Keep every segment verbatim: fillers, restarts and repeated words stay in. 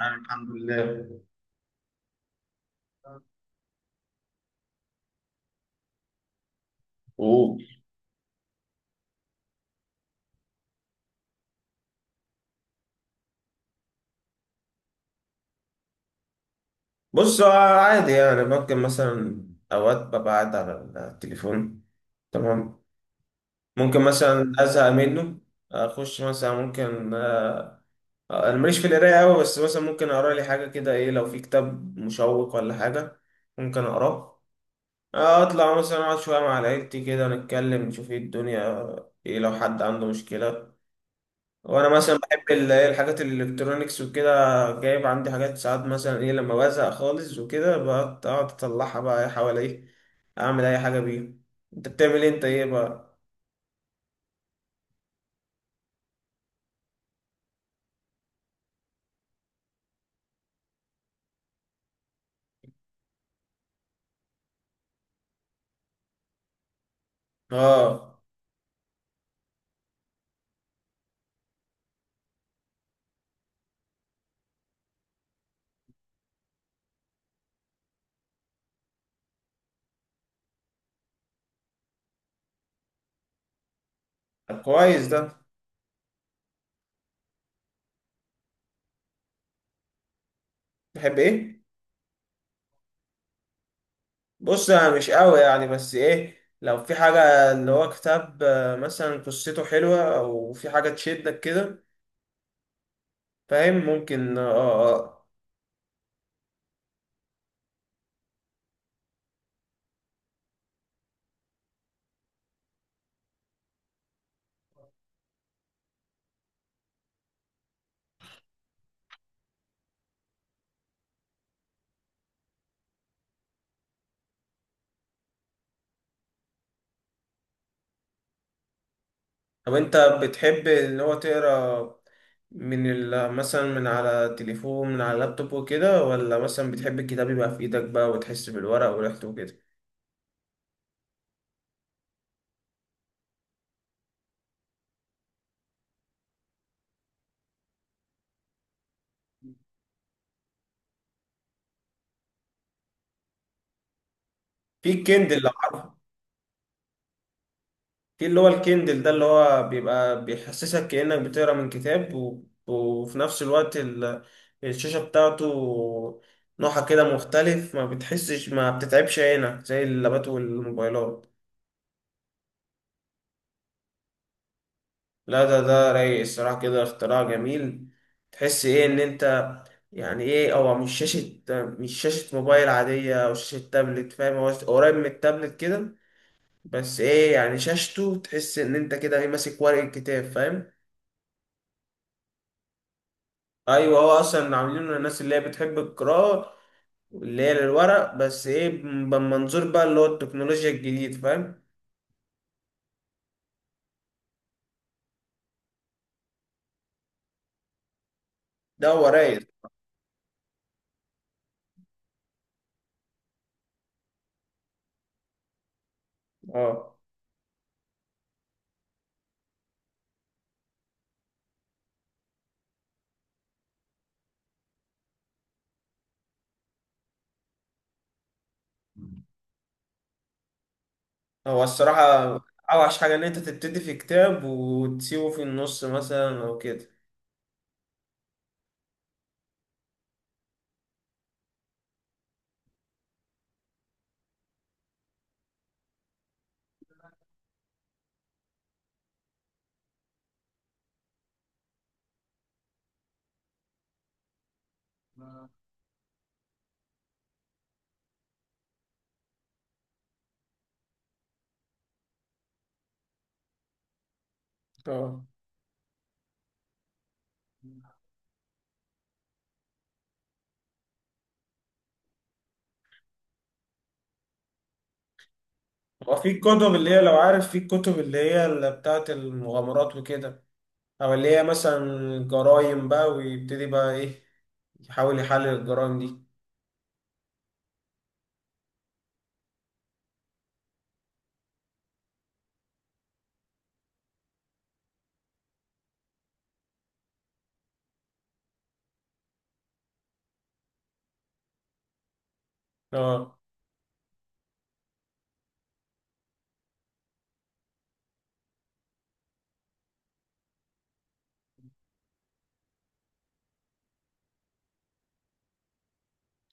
أنا الحمد لله. أوه. بص هو عادي يعني، ممكن مثلا أوقات ببقى قاعد على التليفون. تمام. ممكن مثلا أزهق منه، أخش مثلا ممكن آه، آه، أنا ماليش في القراية أوي، بس مثلا ممكن أقرأ لي حاجة كده، إيه لو في كتاب مشوق ولا حاجة ممكن أقراه. آه، أطلع مثلا أقعد شوية مع عيلتي كده، نتكلم نشوف إيه الدنيا، إيه لو حد عنده مشكلة. وانا مثلا بحب ال- إيه الحاجات الالكترونيكس وكده. جايب عندي حاجات، ساعات مثلا ايه لما بزهق خالص وكده بقعد أقعد اطلعها بقى إيه حواليه، اعمل اي حاجه بيها. انت بتعمل إيه انت ايه بقى؟ اه. طب كويس ده. بحب ايه؟ بص انا مش قوي يعني، بس ايه لو في حاجه اللي هو كتاب، آه، مثلا قصته حلوه او في حاجه تشدك كده، فاهم؟ ممكن اه. آه. طب انت بتحب اللي هو تقرا من ال... مثلا من على التليفون، من على اللابتوب وكده، ولا مثلا بتحب الكتاب يبقى في ايدك بقى وتحس بالورق وريحته وكده؟ في الكندل لو عارفه. في اللي هو الكندل ده، اللي هو بيبقى بيحسسك كأنك بتقرا من كتاب، و... وفي نفس الوقت ال... الشاشة بتاعته نوعها كده مختلف، ما بتحسش ما بتتعبش عينك زي اللابات والموبايلات. لا ده ده رايق الصراحة كده، اختراع جميل. تحس ايه ان انت، يعني ايه، هو مش شاشة، مش شاشة موبايل عادية او شاشة تابلت، فاهم؟ هو قريب من التابلت كده، بس ايه يعني شاشته تحس ان انت كده ايه ماسك ورق الكتاب، فاهم؟ ايوه، هو اصلا عاملينه للناس اللي هي بتحب القراءة، اللي هي للورق، بس ايه بمنظور بقى اللي هو التكنولوجيا الجديد، فاهم؟ ده هو رايق. اه. هو الصراحة أوحش حاجة إن أنت تبتدي في كتاب وتسيبه في النص مثلا أو كده. اه. هو في كتب اللي هي لو عارف، في كتب اللي هي اللي بتاعة المغامرات وكده، أو اللي هي مثلا جرايم بقى، ويبتدي بقى إيه يحاول يحلل الجرايم دي. اه.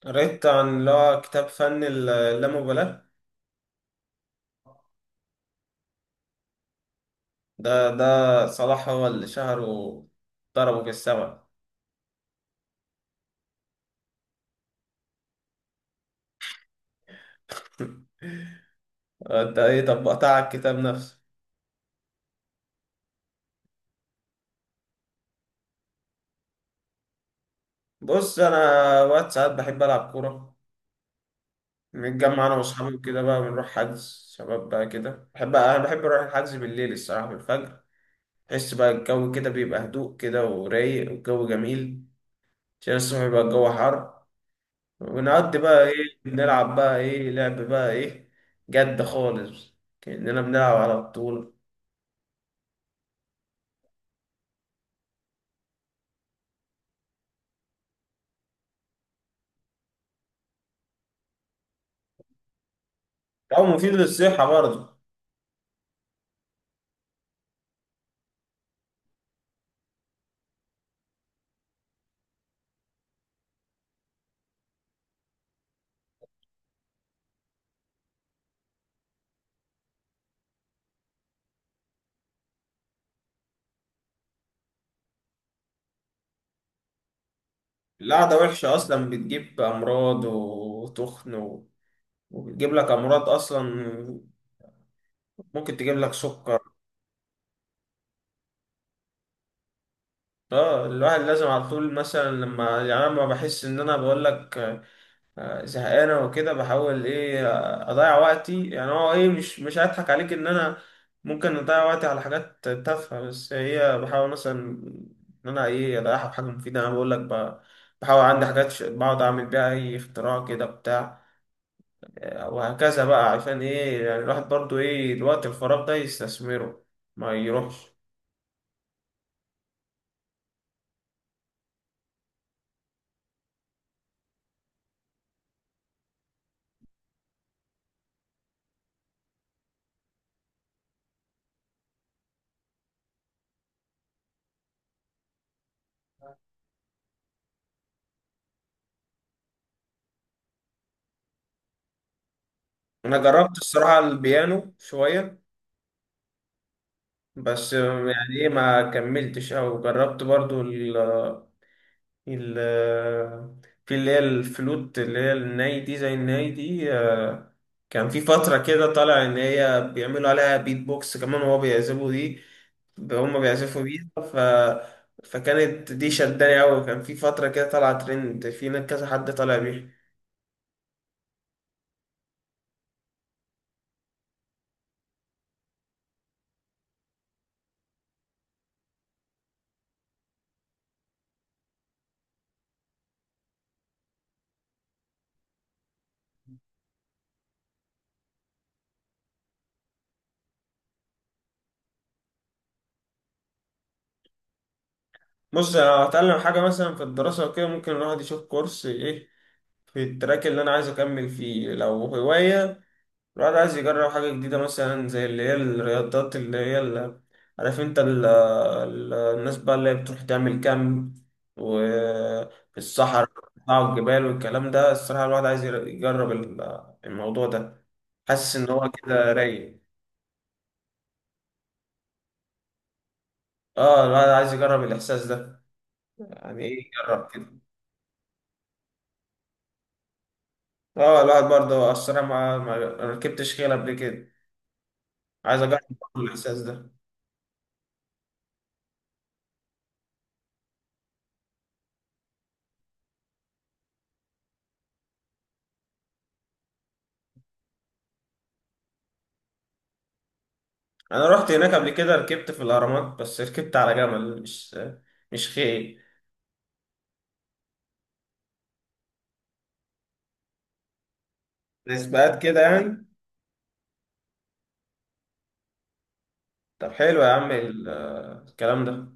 قريت عن اللي هو كتاب فن ال- اللامبالاة. ده ده صلاح هو اللي شهره، ضربه في السما. انت ايه طبقت على الكتاب نفسه؟ بص انا وقت ساعات بحب العب كوره، نتجمع انا واصحابي وكده بقى، بنروح حجز شباب بقى كده، بحب انا بحب اروح الحجز بالليل الصراحه، بالفجر. تحس بقى الجو كده بيبقى هدوء كده ورايق، والجو جميل، عشان الصبح بيبقى الجو حر. ونقضي بقى ايه، بنلعب بقى ايه، لعب بقى ايه، جد خالص، كأننا بنلعب على بطولة. أو مفيد للصحة برضه. القعدة وحشة أصلا، بتجيب أمراض وتخن و... وبتجيب لك أمراض أصلا، ممكن تجيب لك سكر. اه الواحد لازم على طول مثلا لما يعني، أنا لما بحس ان انا بقول لك، آه، زهقانه وكده، بحاول ايه، آه، اضيع وقتي يعني، هو ايه مش مش هضحك عليك ان انا ممكن اضيع وقتي على حاجات تافهه، بس هي بحاول مثلا ان انا ايه اضيعها في حاجه مفيده. انا بقول لك ب- بحاول عندي حاجات ش- بقعد اعمل بيها اي اختراع كده بتاع، آه، وهكذا بقى، عشان ايه يعني الواحد برضو ايه الوقت الفراغ ده يستثمره، ما يروحش. انا جربت الصراحه البيانو شويه، بس يعني ايه ما كملتش. او جربت برضو ال ال في اللي هي الفلوت، اللي هي الناي دي، زي الناي دي، آه، كان في فترة كده طالع ان هي بيعملوا عليها بيت بوكس كمان وهو بيعزفوا دي، هما بيعزفوا بيها ف، فكانت دي شداني أوي، كان في فترة كده طالعة ترند، في ناس كذا حد طالع بيها. بص لو هتعلم حاجة مثلا في الدراسة وكده، ممكن الواحد يشوف كورس ايه في التراك اللي أنا عايز أكمل فيه. لو هواية الواحد عايز يجرب حاجة جديدة، مثلا زي اللي هي الرياضات، اللي هي اللي عارف انت، ال ال الناس بقى اللي هي بتروح تعمل كامب وفي الصحراء، وتطلعوا الجبال والكلام ده، الصراحة الواحد عايز ير- يجرب ال- الموضوع ده. حاسس ان هو كده رايق. اه الواحد عايز يجرب الإحساس ده، يعني ايه يجرب كده. اه الواحد برضه الصراحة ما ما ركبتش خيل قبل كده، عايز اجرب برضه الإحساس ده. انا رحت هناك قبل كده، ركبت في الأهرامات، بس ركبت على جمل، مش مش خيل. نسبات كده يعني. طب حلو يا عم ال- الكلام ده.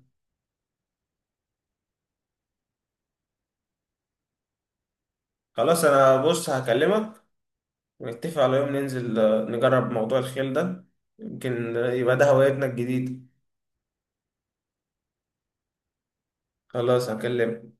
خلاص انا بص هكلمك ونتفق على يوم ننزل، آه، نجرب موضوع الخيل ده، يمكن يبقى ده هوايتنا الجديدة. خلاص هكلمك.